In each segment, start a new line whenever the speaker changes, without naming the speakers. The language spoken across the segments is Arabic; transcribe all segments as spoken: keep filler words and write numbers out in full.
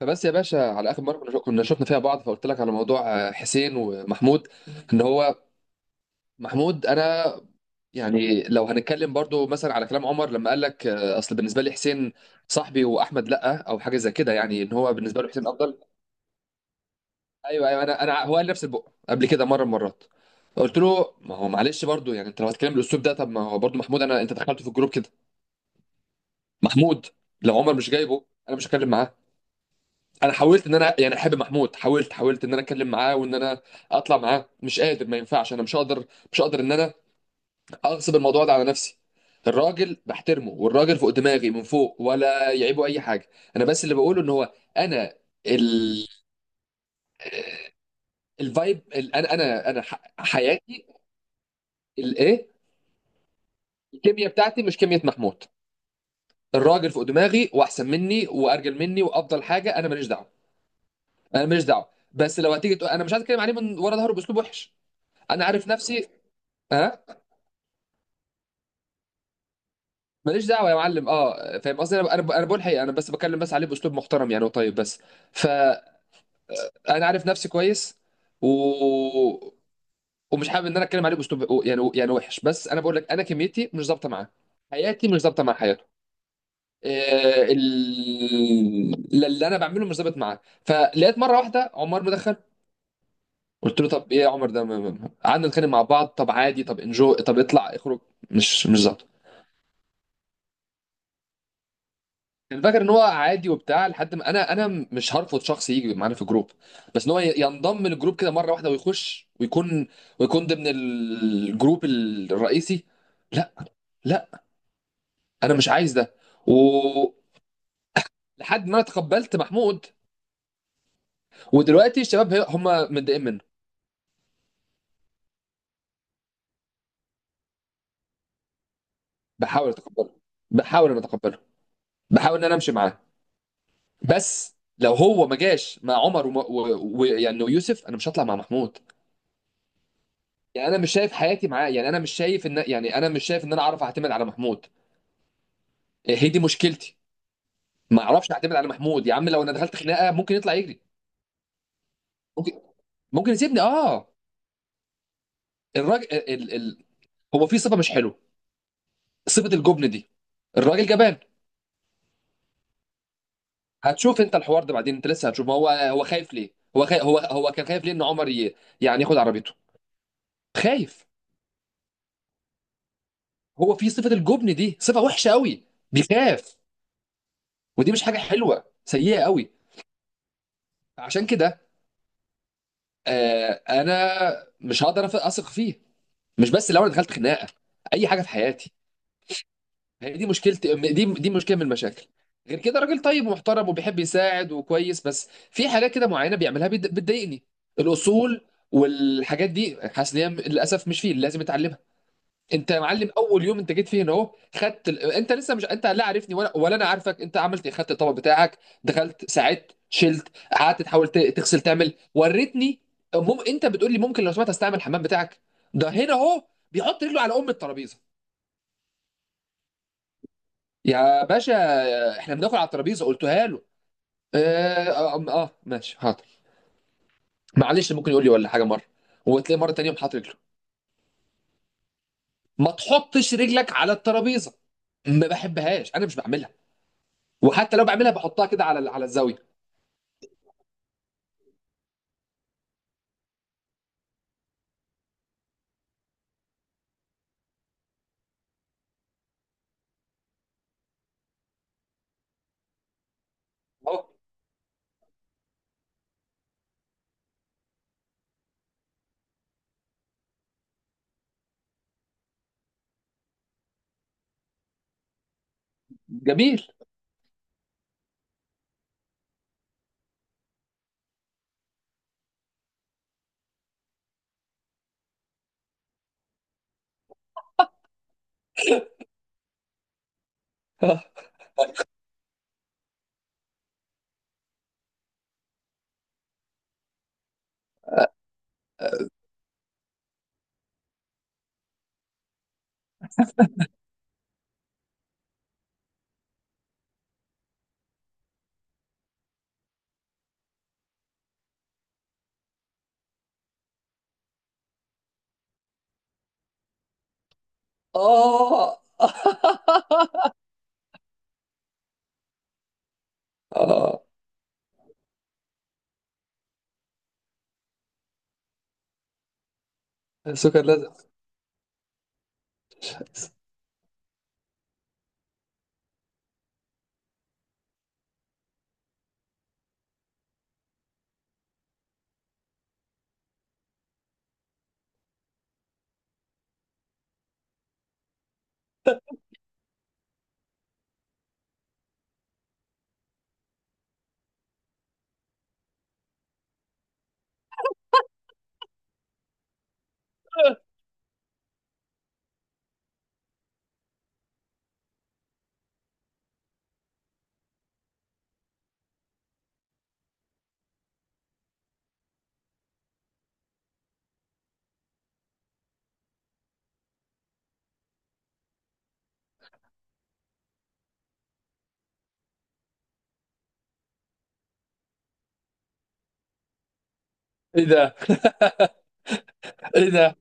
فبس يا باشا، على اخر مره كنا شو- كنا شفنا فيها بعض فقلت لك على موضوع. آه، حسين ومحمود. ان هو محمود انا، يعني لو هنتكلم برضو مثلا على كلام عمر لما قال لك. آه، اصل بالنسبه لي حسين صاحبي واحمد، لا او حاجه زي كده، يعني ان هو بالنسبه له حسين افضل. ايوه، ايوه، انا انا هو قال نفس البق قبل كده مره من مرات. قلت له ما هو معلش، برضو يعني انت لو هتتكلم بالاسلوب ده، طب ما هو برضو محمود، انا انت دخلته في الجروب كده. محمود، لو عمر مش جايبه انا مش هتكلم معاه. انا حاولت ان انا يعني احب محمود، حاولت حاولت ان انا اتكلم معاه وان انا اطلع معاه، مش قادر، ما ينفعش، انا مش هقدر. مش هقدر ان انا اغصب الموضوع ده على نفسي. الراجل بحترمه والراجل فوق دماغي من فوق ولا يعيبه اي حاجه. انا بس اللي بقوله ان هو، انا ال... الفايب، ال... انا انا انا ح... حياتي. الايه؟ الكيمياء بتاعتي مش كيمياء محمود. الراجل فوق دماغي واحسن مني وارجل مني وافضل حاجه، انا ماليش دعوه. انا ماليش دعوه، بس لو هتيجي تقول انا مش عايز اتكلم عليه من ورا ظهره باسلوب وحش. انا عارف نفسي. ها. ماليش دعوه يا معلم، اه، فاهم قصدي، انا انا أنا بقول الحقيقه، انا بس بكلم بس عليه باسلوب محترم يعني وطيب بس. فانا عارف نفسي كويس، و... ومش حابب ان انا اتكلم عليه باسلوب يعني يعني وحش، بس انا بقول لك انا كميتي مش ظابطه معاه. حياتي مش ظابطه مع حياته. آه، ال- اللي انا بعمله مش ظابط معاه، فلقيت مره واحده عمار مدخل. قلت له طب ايه يا عمر ده، م- م- م- قعدنا نتخانق مع بعض، طب عادي، طب انجو، طب اطلع اخرج. مش مش ظابطه. كان فاكر ان هو عادي وبتاع، لحد ما انا، انا مش هرفض شخص يجي معانا في الجروب، بس ان هو ي- ينضم للجروب كده مره واحده ويخش ويكون، ويكون ضمن الجروب الرئيسي. لا. لا، انا مش عايز ده. ولحد ما انا تقبلت محمود، ودلوقتي الشباب هم متضايقين منه. بحاول اتقبله، بحاول ان اتقبله، بحاول ان انا امشي معاه، بس لو هو ما جاش مع عمر ويعني ويوسف انا مش هطلع مع محمود. يعني انا مش شايف حياتي معاه، يعني انا مش شايف ان، يعني انا مش شايف ان انا اعرف اعتمد على محمود. هي دي مشكلتي. ما اعرفش اعتمد على محمود يا عم، لو انا دخلت خناقه ممكن يطلع يجري. ممكن. ممكن يسيبني، اه. الراجل ال... ال... هو في صفه مش حلوه، صفه الجبن دي. الراجل جبان. هتشوف انت الحوار ده بعدين، انت لسه هتشوف. ما هو هو خايف ليه. هو خايف. هو هو كان خايف ليه، ان عمر ي... يعني ياخد عربيته. خايف. هو في صفه الجبن دي، صفه وحشه قوي. بيخاف. ودي مش حاجه حلوه، سيئه قوي. عشان كده، آه، انا مش هقدر أف- اثق فيه. مش بس لو انا دخلت خناقه، اي حاجه في حياتي. هي دي مشكلتي، دي دي مشكله من المشاكل. غير كده راجل طيب ومحترم وبيحب يساعد وكويس، بس في حاجات كده معينه بيعملها بت- بتضايقني. الاصول والحاجات دي، حاسس ان هي للاسف مش فيه، لازم اتعلمها. انت يا معلم، اول يوم انت جيت فيه هنا اهو، خدت ال... انت لسه، مش انت لا عارفني ولا ولا انا عارفك، انت عملت ايه؟ خدت الطبق بتاعك، دخلت، ساعدت، شلت، قعدت تحاول ت... تغسل تعمل، وريتني. مم... انت بتقول لي ممكن لو سمحت استعمل الحمام بتاعك. ده هنا اهو بيحط رجله على ام الترابيزه. يا باشا، احنا بناكل على الترابيزه، قلتها له. اه، اه، اه، ماشي حاضر. معلش، ممكن يقول لي ولا حاجه مره، وتلاقي مره تانيه يوم حاطط رجله. ما تحطش رجلك على الترابيزه، ما بحبهاش، انا مش بعملها، وحتى لو بعملها بحطها كده على على الزاويه. أهو. جميل. اه. اه. السكر لازم. ايه ده؟ ايه ده؟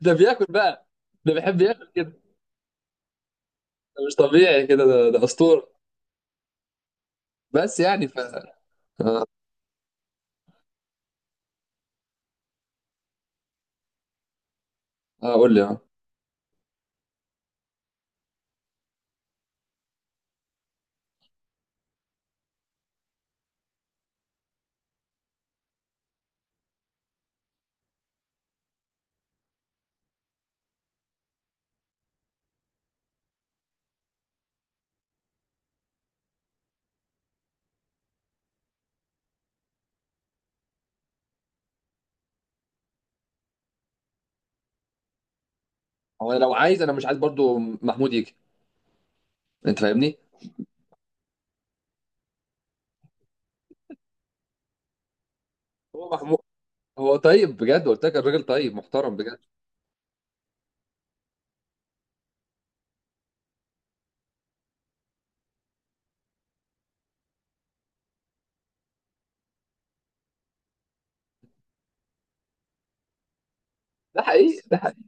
ده بياكل بقى؟ ده بيحب ياكل كده؟ ده مش طبيعي كده، ده, ده اسطوره. بس يعني ف. آه، آه، قول لي، اه. هو لو عايز، انا مش عايز برضو محمود يجي. انت فاهمني. هو محمود، هو طيب بجد، قلت لك الراجل طيب محترم بجد. ده حقيقي، ده حقيقي.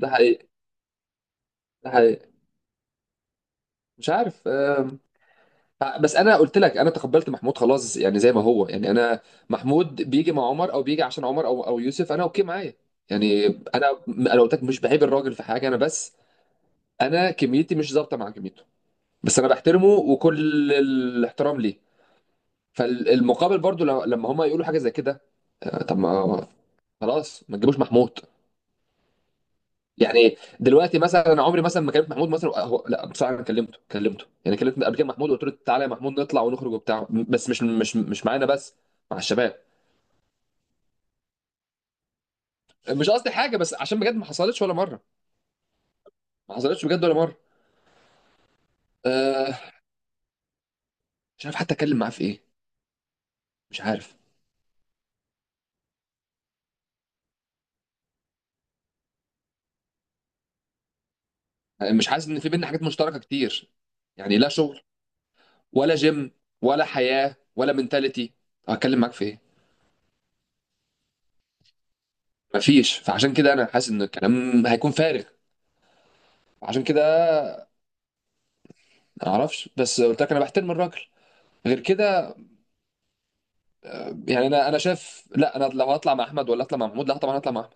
ده حقيقي. ده حقيقي. مش عارف. آه، بس انا قلت لك انا تقبلت محمود خلاص، يعني زي ما هو يعني انا، محمود بيجي مع عمر او بيجي عشان عمر او او يوسف، انا اوكي معايا. يعني انا، انا قلت لك مش بعيب الراجل في حاجه، انا بس انا كميتي مش ظابطه مع كميته. بس انا بحترمه وكل الاحترام ليه. فالمقابل برضو لو- لما هم يقولوا حاجه زي كده. آه، طب ما خلاص ما تجيبوش محمود. يعني دلوقتي مثلا، انا عمري مثلا ما كلمت محمود مثلا، هو لا بصراحه انا كلمته، كلمته يعني، كلمت قبل كده محمود وقلت له تعالى يا محمود نطلع ونخرج وبتاع، بس مش مش مش معانا، بس مع الشباب. مش قصدي حاجه، بس عشان بجد ما حصلتش ولا مره، ما حصلتش بجد ولا مره. أه. مش عارف حتى اتكلم معاه في ايه. مش عارف. آه، مش حاسس ان في بينا حاجات مشتركه كتير، يعني لا شغل، ولا جيم، ولا حياه، ولا منتاليتي، هتكلم معاك في ايه؟ مفيش. فعشان كده انا حاسس ان الكلام هيكون فارغ. عشان كده ما اعرفش، بس قلت لك انا بحترم الراجل. غير كده يعني، انا انا شايف لا، انا لو هطلع مع احمد ولا اطلع مع محمود، لا طبعا هطلع مع احمد.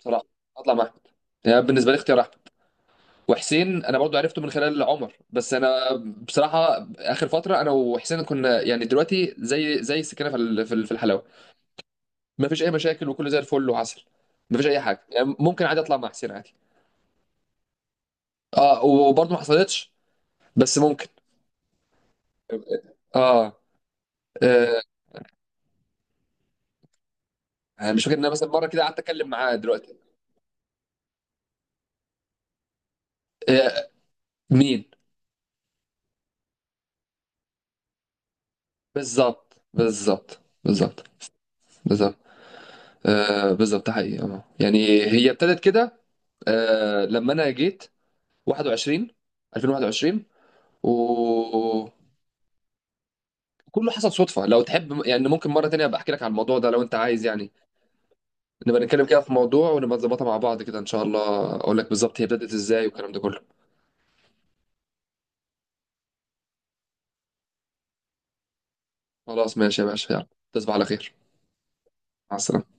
بصراحه، هطلع مع احمد. يعني بالنسبه لي اختيار احمد. وحسين انا برضو عرفته من خلال عمر، بس انا بصراحه اخر فتره انا وحسين كنا يعني دلوقتي زي، زي السكينه في ال- في ال- في الحلاوه. ما فيش اي مشاكل، وكله زي الفل وعسل، ما فيش اي حاجه. يعني ممكن عادي اطلع مع حسين عادي. اه، وبرضو ما حصلتش بس ممكن. اه. آه، انا مش فاكر ان انا مثلا مره كده قعدت اتكلم معاه دلوقتي. آه، مين؟ بالظبط، بالظبط، بالظبط، بالظبط. آه، بالظبط، ده حقيقي، اه. يعني هي ابتدت كده آه، لما انا جيت واحد وعشرين ألفين وواحد وعشرين، وكله حصل صدفه. لو تحب يعني ممكن مره تانية ابقى احكي لك على الموضوع ده لو انت عايز، يعني نبقى نتكلم كده في موضوع، ونبقى نظبطها مع بعض كده ان شاء الله، اقول لك بالظبط هي ابتدت ازاي، والكلام ده كله. خلاص ماشي يا باشا، يلا تصبح على خير. مع السلامه.